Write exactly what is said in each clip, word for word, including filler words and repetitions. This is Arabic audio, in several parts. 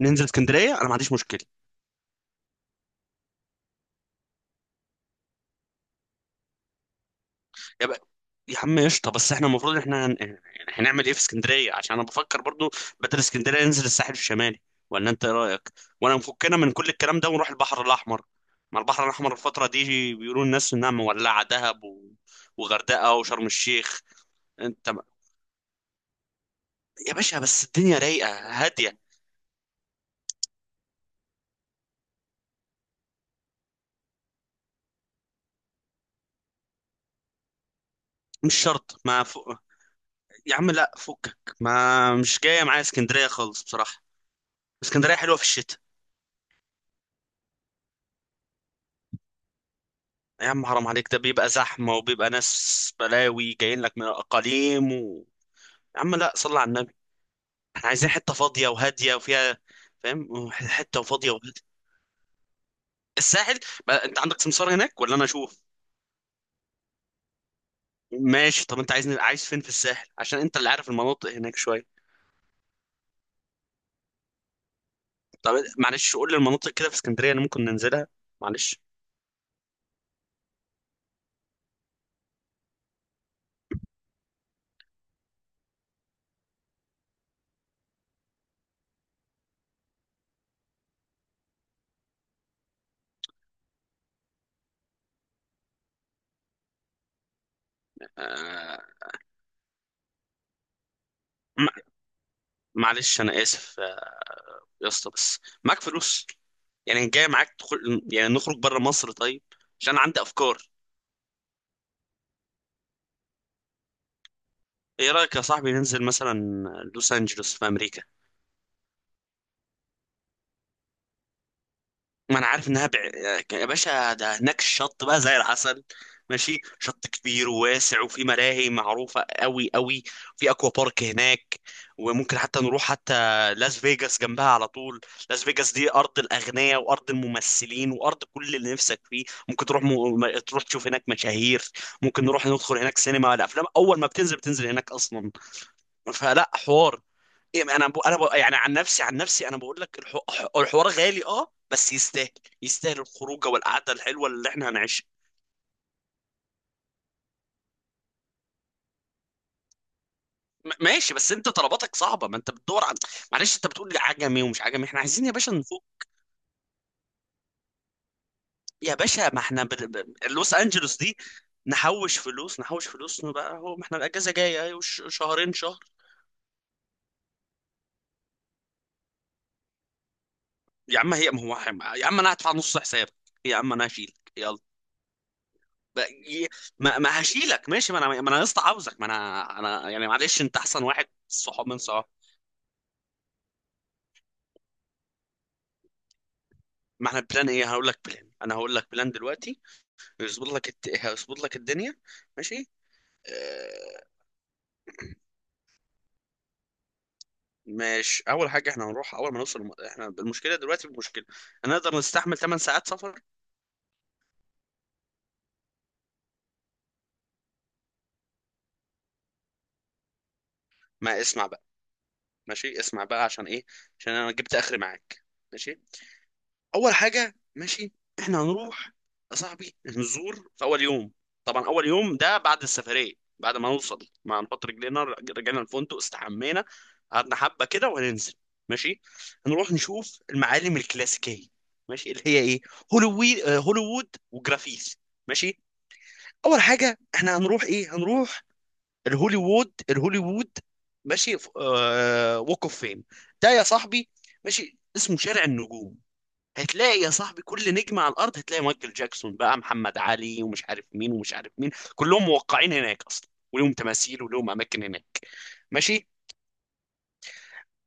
ننزل اسكندريه. انا ما عنديش مشكله. يبقى، يا عم قشطه. بس احنا المفروض احنا هن... يعني هنعمل ايه في اسكندريه؟ عشان انا بفكر برضو بدل اسكندريه ننزل الساحل الشمالي، ولا انت ايه رايك؟ ولا مفكنا من كل الكلام ده ونروح البحر الاحمر؟ ما البحر الاحمر الفتره دي بيقولوا الناس انها مولعه، دهب و... وغردقه وشرم الشيخ. انت ما- يا باشا، بس الدنيا رايقه هاديه. مش شرط ما فوق... يا عم لا، فكك، ما مش جايه معايا اسكندريه خالص بصراحه. اسكندريه حلوه في الشتاء. يا عم حرام عليك، ده بيبقى زحمة وبيبقى ناس بلاوي جايين لك من الأقاليم و... يا عم لا، صلي على النبي. احنا عايزين حتة فاضية وهادية وفيها، فاهم؟ حتة فاضية وهادية. الساحل. بقى انت عندك سمسار هناك ولا انا اشوف؟ ماشي. طب انت عايزني عايز فين في الساحل؟ عشان انت اللي عارف المناطق هناك شوية. طب معلش، قول لي المناطق كده في اسكندرية اللي ممكن ننزلها. معلش. آه... مع- معلش انا اسف. آه، يا اسطى بس معاك فلوس؟ يعني جاي معاك تخل... يعني نخرج بره مصر طيب، عشان عندي افكار. ايه رايك يا صاحبي ننزل مثلا لوس انجلوس في امريكا؟ ما انا عارف انها بع... يا باشا، ده هناك الشط بقى زي العسل، ماشي. شط كبير وواسع وفي ملاهي معروفه قوي قوي. في اكوا بارك هناك. وممكن حتى نروح حتى لاس فيجاس جنبها على طول. لاس فيجاس دي ارض الاغنياء وارض الممثلين وارض كل اللي نفسك فيه. ممكن تروح م... م- تروح تشوف هناك مشاهير. ممكن نروح ندخل هناك سينما، الافلام اول ما بتنزل بتنزل هناك اصلا. فلا حوار. إيه، انا بو... انا بو... يعني عن نفسي، عن نفسي انا بقول لك الح... ح- الحوار غالي اه بس يستاهل. يستاهل الخروجه والقعده الحلوه اللي احنا هنعيشها. م- ماشي، بس انت طلباتك صعبه، ما انت بتدور عن... معلش، انت بتقول لي عجمي ومش عجمي، احنا عايزين يا باشا نفوق. يا باشا ما احنا بر... ب... لوس انجلوس دي نحوش فلوس، نحوش فلوس بقى. هو ما احنا الاجازه جايه وش... شهرين شهر. يا عم هي ما هو، يا عم انا هدفع نص حسابك، يا عم انا هشيل. ب- ي- ما، ما هشيلك ماشي، ما انا ما انا يا اسطى عاوزك، ما انا انا يعني معلش، انت احسن واحد صحاب من صحاب. ما احنا بلان ايه؟ هقول لك بلان، انا هقول لك بلان دلوقتي، يظبط لك الت... هيظبط لك الدنيا. ماشي. آه... ماشي. اول حاجه احنا هنروح، اول ما نوصل الم- احنا المشكله دلوقتي المشكله، هنقدر نستحمل 8 ساعات سفر؟ ما اسمع بقى. ماشي، اسمع بقى عشان ايه، عشان انا جبت اخري معاك. ماشي. اول حاجه، ماشي، احنا هنروح يا صاحبي نزور في اول يوم، طبعا اول يوم ده بعد السفريه، بعد ما نوصل ما نحط رجلينا رجعنا الفندق استحمينا قعدنا حبه كده وهننزل. ماشي. هنروح نشوف المعالم الكلاسيكيه، ماشي، اللي هي ايه، هوليوود. هوليوود وجرافيث. ماشي. اول حاجه احنا هنروح ايه؟ هنروح الهوليوود. الهوليوود. ماشي. ف- آه ووك اوف فيم، ده يا صاحبي، ماشي، اسمه شارع النجوم. هتلاقي يا صاحبي كل نجم على الارض، هتلاقي مايكل جاكسون بقى، محمد علي، ومش عارف مين ومش عارف مين، كلهم موقعين هناك اصلا، ولهم تماثيل ولهم اماكن هناك. ماشي.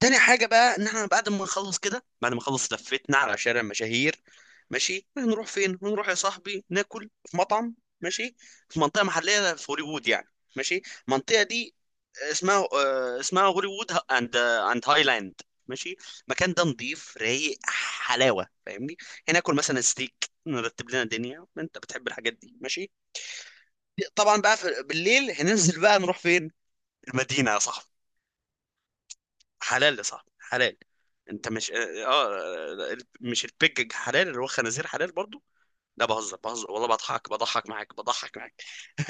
تاني حاجة بقى إن إحنا بعد ما نخلص كده، بعد ما نخلص لفتنا على شارع المشاهير، ماشي، هنروح فين؟ هنروح يا صاحبي ناكل في مطعم، ماشي، في منطقة محلية في هوليوود يعني. ماشي. المنطقة دي اسمها آه، اسمها هوليوود أند أند هايلاند. ماشي. المكان ده نضيف رايق حلاوة، فاهمني؟ هناكل مثلا ستيك، نرتب لنا الدنيا، أنت بتحب الحاجات دي ماشي؟ طبعا بقى في بالليل هننزل بقى، نروح فين؟ المدينة يا صاحبي. حلال يا صاحبي، حلال. انت مش اه آه، ال- مش البيج حلال اللي هو خنازير حلال برضو؟ لا بهزر بهزر، والله بضحك بضحك معاك بضحك معاك.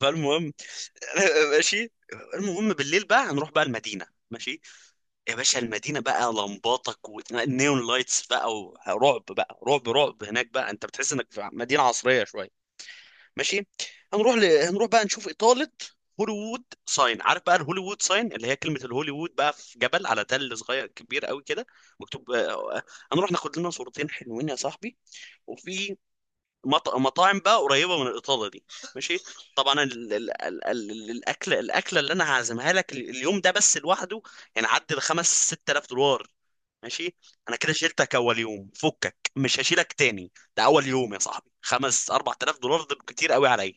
فالمهم، ماشي. المهم بالليل بقى هنروح بقى المدينة، ماشي. يا باشا المدينة بقى لمباتك والنيون لايتس بقى، ورعب بقى، رعب رعب هناك بقى، انت بتحس انك في مدينة عصرية شوية. ماشي. هنروح ل... هنروح بقى نشوف إطالة. هوليوود ساين، عارف بقى الهوليوود ساين اللي هي كلمة الهوليوود بقى في جبل على تل، صغير كبير قوي كده، مكتوب. آه، هنروح ناخد لنا صورتين حلوين يا صاحبي، وفي مط... مطاعم بقى قريبة من الإطالة دي. ماشي. طبعا ال... ال... ال... ال... الأكل، الأكلة اللي أنا هعزمها لك ال- اليوم ده بس لوحده يعني عدى الخمس ست آلاف دولار. ماشي. انا كده شيلتك اول يوم، فكك مش هشيلك تاني، ده اول يوم يا صاحبي خمس اربع تلاف دولار، ده كتير قوي عليا.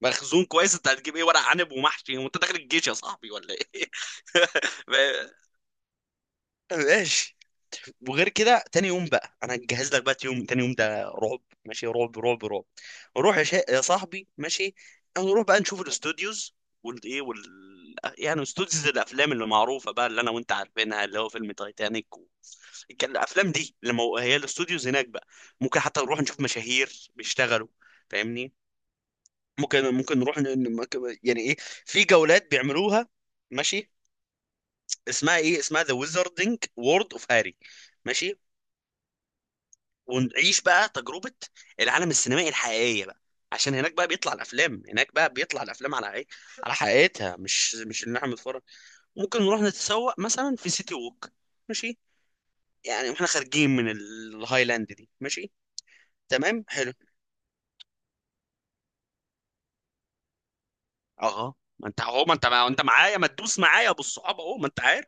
مخزون كويس، انت هتجيب ايه، ورق عنب ومحشي وانت داخل الجيش يا صاحبي ولا ايه؟ ماشي. وغير كده تاني يوم بقى انا هجهز لك بقى، تاني يوم، تاني يوم ده رعب، ماشي، رعب رعب رعب. نروح يا, شا... يا صاحبي، ماشي، نروح بقى نشوف الاستوديوز والايه وال... يعني استوديوز الافلام اللي معروفه بقى، اللي انا وانت عارفينها، اللي هو فيلم تايتانيك و... كان الافلام دي، لما هو- هي الاستوديوز هناك بقى. ممكن حتى نروح نشوف مشاهير بيشتغلوا، فاهمني؟ ممكن ممكن نروح ن- ن- مك- يعني ايه، في جولات بيعملوها، ماشي، اسمها ايه، اسمها ذا ويزاردنج وورد اوف هاري. ماشي. ونعيش بقى تجربة العالم السينمائي الحقيقية بقى، عشان هناك بقى بيطلع الافلام، هناك بقى بيطلع الافلام على ايه، على حقيقتها، مش مش اللي احنا بنتفرج. ممكن نروح نتسوق مثلا في سيتي ووك، ماشي، يعني واحنا خارجين من الهايلاند دي ماشي. تمام حلو. اه ما انت اهو، ما انت ما انت معايا، ما تدوس معايا بالصحاب، اهو ما انت عارف.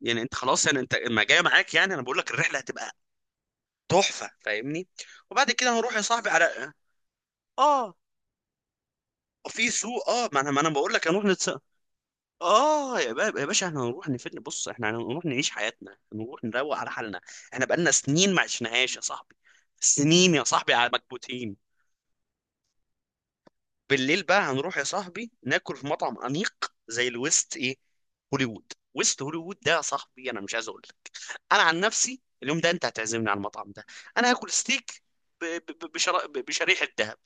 يعني انت خلاص يعني، انت ما جاي معاك يعني انا بقول لك الرحله هتبقى تحفه، فاهمني؟ وبعد كده هنروح يا صاحبي على... اه في سوق، اه ما انا ما انا بقول لك هنروح نتس... اه يا باب يا باشا، احنا هنروح نفل، بص، احنا هنروح نعيش حياتنا، هنروح نروق على حالنا، احنا بقالنا سنين ما عشناهاش يا صاحبي، سنين يا صاحبي على مكبوتين. بالليل بقى هنروح يا صاحبي ناكل في مطعم انيق زي الويست ايه، هوليوود ويست، هوليوود ده يا صاحبي انا مش عايز اقول لك. انا عن نفسي اليوم ده انت هتعزمني على المطعم ده، انا هاكل ستيك ب- ب- ب- بشرا- ب- بشريحه ذهب.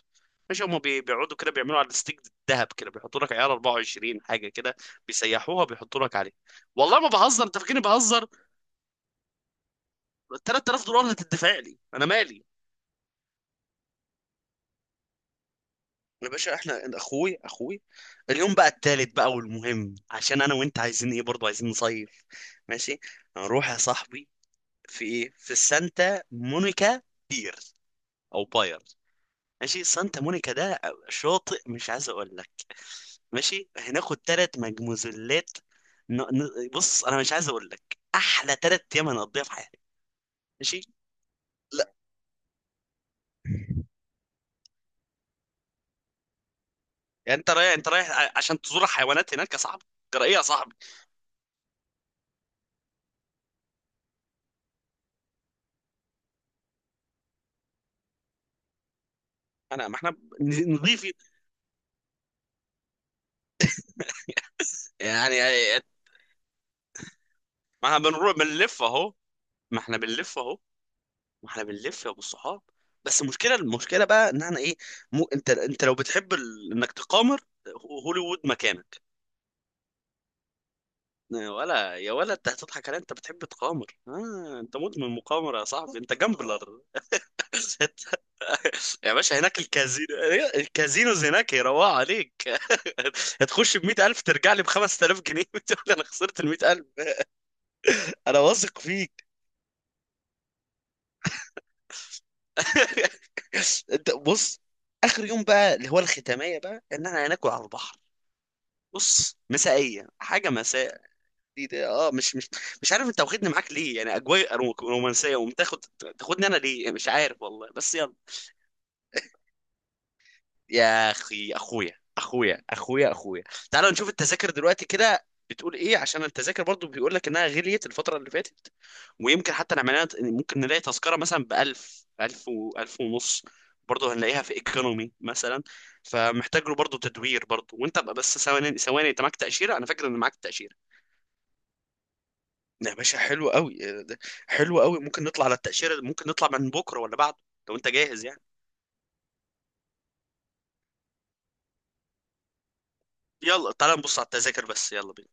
مش هما بي- بيقعدوا كده بيعملوا على الستيك الذهب كده، بيحطوا لك عيار اربعة وعشرين حاجه كده، بيسيحوها بيحطوا لك عليه. والله ما بهزر، انت فاكرني بهزر؟ ثلاثة آلاف دولار هتدفع لي انا مالي. يا باشا احنا اخوي اخوي. اليوم بقى التالت بقى، والمهم عشان انا وانت عايزين ايه برضه، عايزين نصيف. ماشي. هنروح يا صاحبي في ايه، في السانتا مونيكا بير او باير، ماشي، سانتا مونيكا ده شاطئ مش عايز اقول لك. ماشي. هناخد ثلاث مجموزلات، ن... ن... بص، انا مش عايز اقول لك، احلى ثلاث ايام هنقضيها في حياتي. ماشي. لا، يعني انت رايح، انت رايح ع- عشان تزور حيوانات هناك يا صاحبي؟ ترى ايه يا صاحبي؟ انا ما احنا ن- نضيف يعني، يعني، ما احنا بنروح بنلف اهو، ما احنا بنلف اهو، ما احنا بنلف يا ابو الصحاب. بس المشكله، المشكله بقى ان احنا ايه، مو انت انت لو بتحب ال... انك تقامر، هوليوود مكانك. يا ولا، يا ولا، انت هتضحك علي، انت بتحب تقامر، آه، انت مدمن مقامرة يا صاحبي، انت جامبلر. انت- يا باشا هناك الكازينو، الكازينوز هناك يروقوا عليك. هتخش ب مائة ألف ترجع لي ب خمسة آلاف جنيه، وتقول انا خسرت ال مية الف. انا واثق فيك. انت بص، اخر يوم بقى اللي هو الختامية بقى ان انا هناكل على البحر، بص، مسائية، حاجة مساء. دي ده اه مش مش، مش عارف انت واخدني معاك ليه، يعني اجواء رومانسية ومتاخد، تاخدني انا ليه مش عارف والله، بس يلا. يا اخي، اخويا، اخويا، اخويا، اخويا، تعالوا نشوف التذاكر دلوقتي كده بتقول ايه، عشان التذاكر برضو بيقول لك انها غليت الفتره اللي فاتت، ويمكن حتى نعمل لها، ممكن نلاقي تذكره مثلا ب ألف، ألف و ألف ونص، برضه هنلاقيها في ايكونومي مثلا. فمحتاج له برضه تدوير برضه، وانت بقى بس ثواني ثواني، انت معاك تاشيره؟ انا فاكر ان معاك تاشيره. يا باشا حلو قوي، حلو قوي. ممكن نطلع على التاشيره، ممكن نطلع من بكره ولا بعده، لو انت جاهز يعني. يلا تعال نبص على التذاكر بس، يلا بينا.